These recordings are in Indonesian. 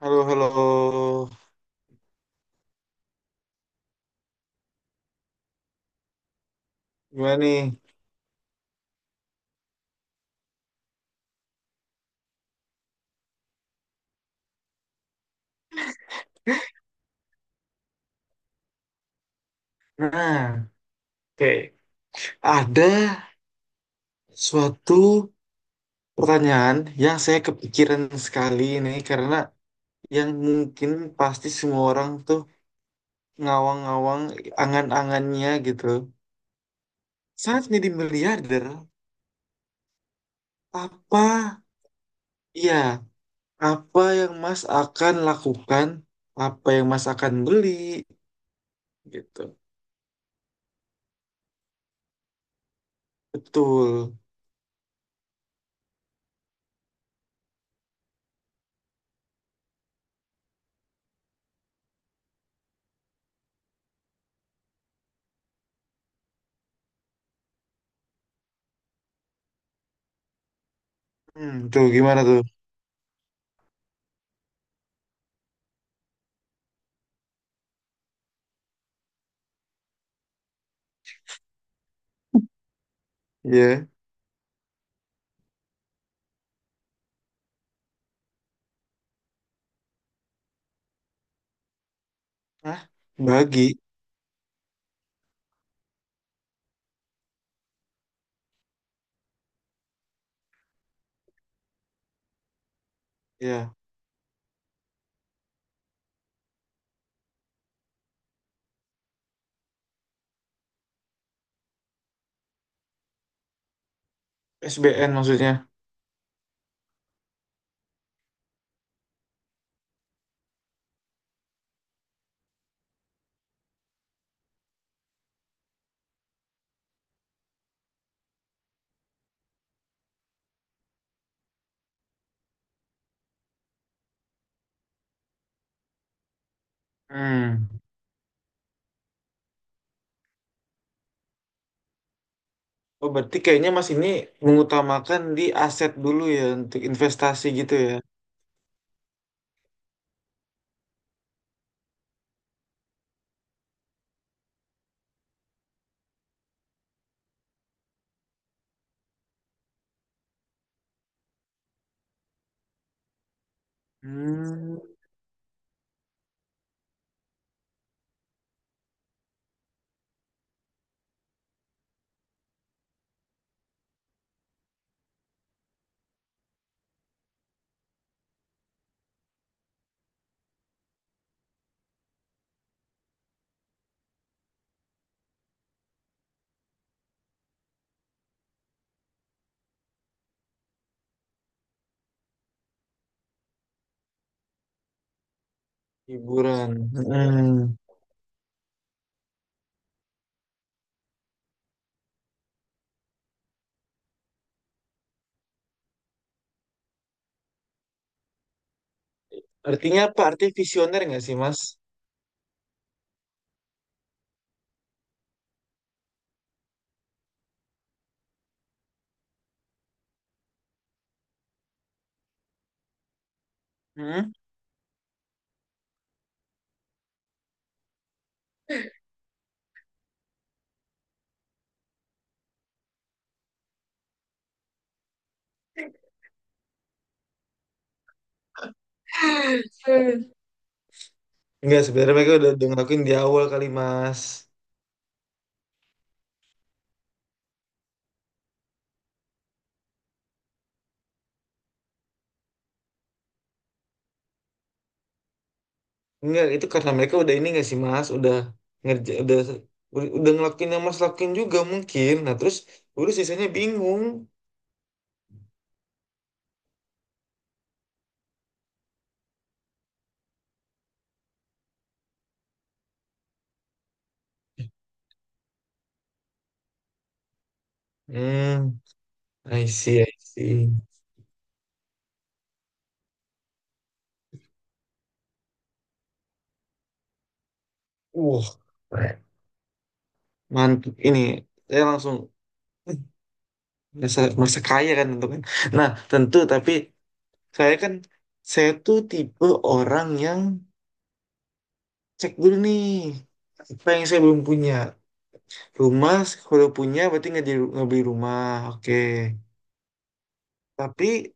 Halo, halo. Gimana nih? Nah, oke. Ada suatu pertanyaan yang saya kepikiran sekali nih, karena yang mungkin pasti semua orang tuh ngawang-ngawang angan-angannya gitu. Saat jadi miliarder, apa ya, apa yang Mas akan lakukan? Apa yang Mas akan beli? Gitu. Betul. Hmm, tuh gimana tuh? Ya. Hah? Bagi. Ya. SBN maksudnya. Hmm. Oh, berarti kayaknya Mas ini mengutamakan di aset dulu ya untuk investasi gitu ya. Hmm. Hiburan. Hmm. Artinya apa? Artinya visioner nggak sih, Mas? Hmm? Hmm. Enggak, sebenarnya mereka udah ngelakuin di awal kali, Mas. Enggak, itu karena mereka udah ini nggak sih, Mas? Udah ngerja, udah ngelakuin yang Mas lakuin juga mungkin. Nah, terus udah sisanya bingung. Hmm. I see, I see. Wah, mantap ini. Saya langsung eh, merasa kaya kan, tentu kan. Nah tentu, tapi saya kan, saya tuh tipe orang yang cek dulu nih apa yang saya belum punya. Rumah, kalau punya berarti nggak beli rumah, oke. Tapi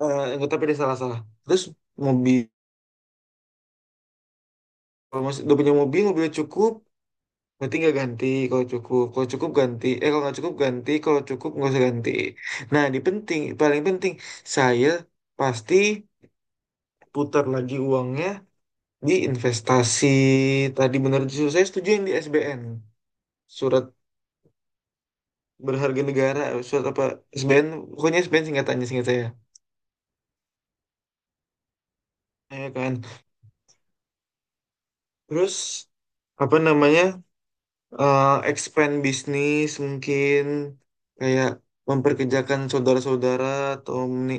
eh, nggak, tapi ada salah salah terus mobil, kalau masih udah punya mobil, mobilnya cukup. Berarti nggak ganti kalau cukup. Kalau cukup ganti. Eh, kalau nggak cukup ganti. Kalau cukup nggak usah ganti. Nah di penting, paling penting saya pasti putar lagi uangnya di investasi. Tadi benar, justru saya setuju yang di SBN. Surat berharga negara. Surat apa? SBN. Pokoknya SBN singkatannya, singkat saya. Ya kan. Terus apa namanya? Expand bisnis mungkin, kayak memperkerjakan saudara-saudara atau meni-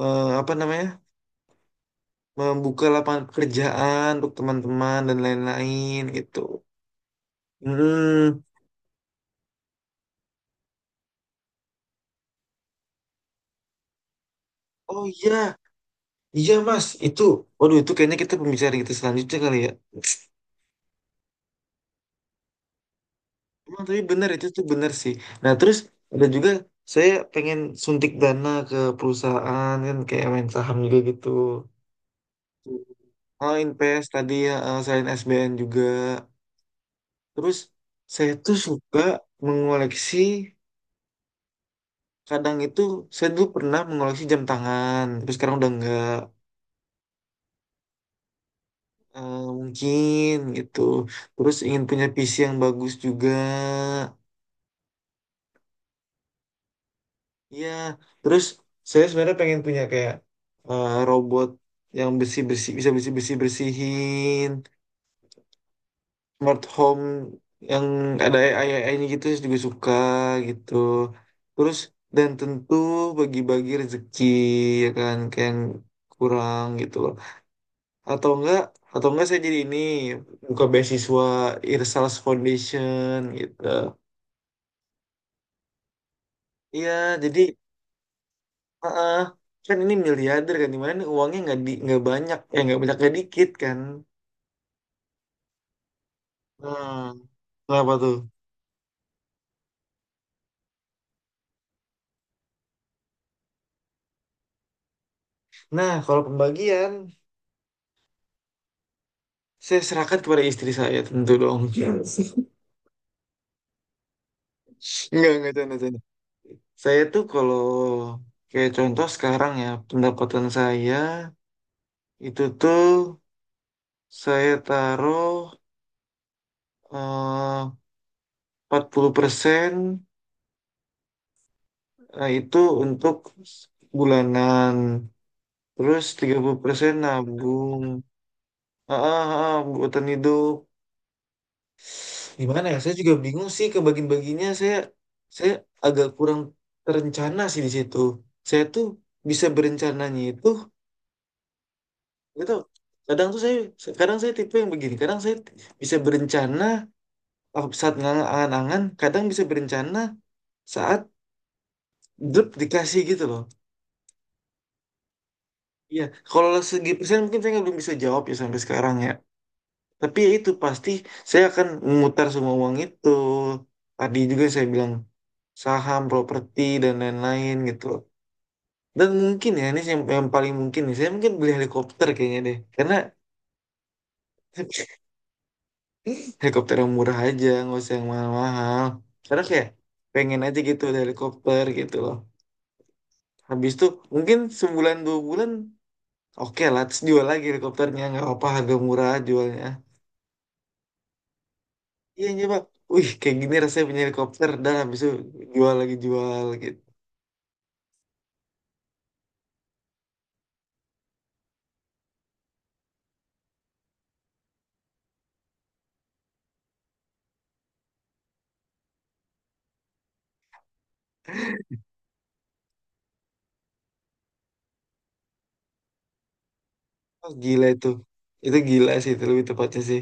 eh, apa namanya, membuka lapangan pekerjaan untuk teman-teman dan lain-lain gitu. Hmm, oh iya, iya Mas, itu, waduh itu kayaknya kita, pembicaraan kita selanjutnya kali ya. Emang tapi benar itu tuh benar sih. Nah terus ada juga, saya pengen suntik dana ke perusahaan kan, kayak main saham juga gitu. Oh, Inpes tadi ya, selain SBN juga. Terus saya tuh suka mengoleksi, kadang itu saya dulu pernah mengoleksi jam tangan, terus sekarang udah enggak. Mungkin gitu. Terus ingin punya PC yang bagus juga. Iya, terus saya sebenarnya pengen punya kayak robot yang bersih-bersih, bisa bersih-bersih bersihin. Smart home yang ada AI-AI-nya gitu juga suka gitu. Terus dan tentu bagi-bagi rezeki, ya kan, kayak yang kurang gitu loh. Atau enggak atau enggak saya jadi ini, buka beasiswa Irsals Foundation gitu. Iya, jadi heeh, kan ini miliarder kan, dimana nih uangnya, nggak di nggak banyak ya, nggak banyak nggak dikit kan. Nah, kenapa tuh? Nah, kalau pembagian, saya serahkan kepada istri saya tentu dong. Yes. Enggak, canda, canda. Saya tuh kalau kayak contoh sekarang ya, pendapatan saya itu tuh saya taruh eh, 40%, itu untuk bulanan. Terus 30% nabung. Ah, ah, ah, buatan hidup. Gimana ya? Saya juga bingung sih kebagian-bagiannya. Saya agak kurang terencana sih di situ. Saya tuh bisa berencananya itu gitu, kadang tuh saya, kadang saya tipe yang begini, kadang saya bisa berencana saat ngangan-angan, kadang bisa berencana saat grup dikasih gitu loh. Iya, kalau segi persen mungkin saya belum bisa jawab ya sampai sekarang ya, tapi ya itu pasti saya akan memutar semua uang itu, tadi juga saya bilang saham, properti dan lain-lain gitu. Dan mungkin ya ini yang paling mungkin nih, saya mungkin beli helikopter kayaknya deh, karena helikopter yang murah aja, nggak usah yang mahal-mahal, karena kayak pengen aja gitu ada helikopter gitu loh. Habis itu mungkin sebulan 2 bulan, oke lah, terus jual lagi helikopternya, nggak apa harga murah jualnya. Iya nyoba. Wih, kayak gini rasanya punya helikopter, dan habis itu jual lagi jual gitu. Oh, gila itu gila sih itu lebih tepatnya sih.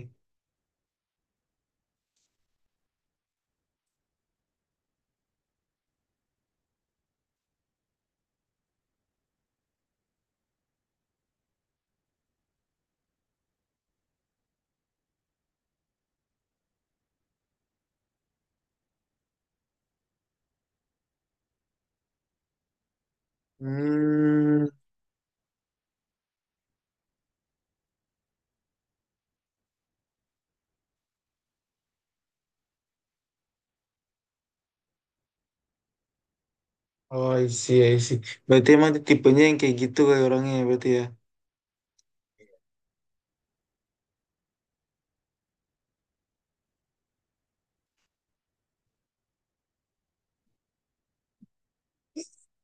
Hmm. Oh, I see, I see. Berarti emang dia tipenya yang kayak gitu, kayak orangnya ya, berarti ya.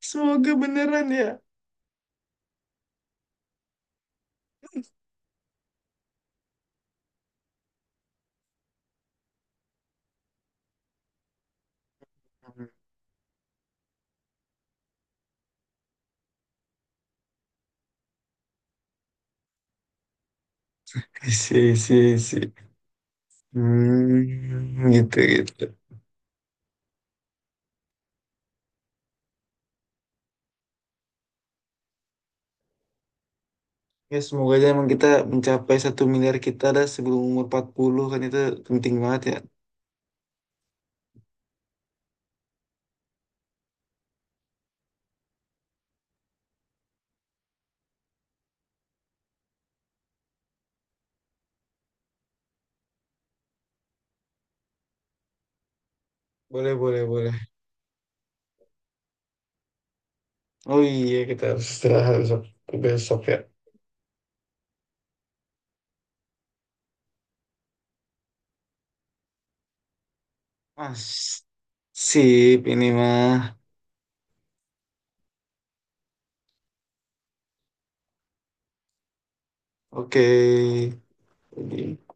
Semoga beneran ya. Hmm, I see, I see, I see. Hmm, gitu gitu. Ya semoga aja emang kita mencapai 1 miliar kita dah sebelum umur 40 kan, itu penting banget ya. Boleh, boleh, boleh. Oh iya kita harus istirahat besok, besok ya. Mas, sip ini mah. Oke. Jadi-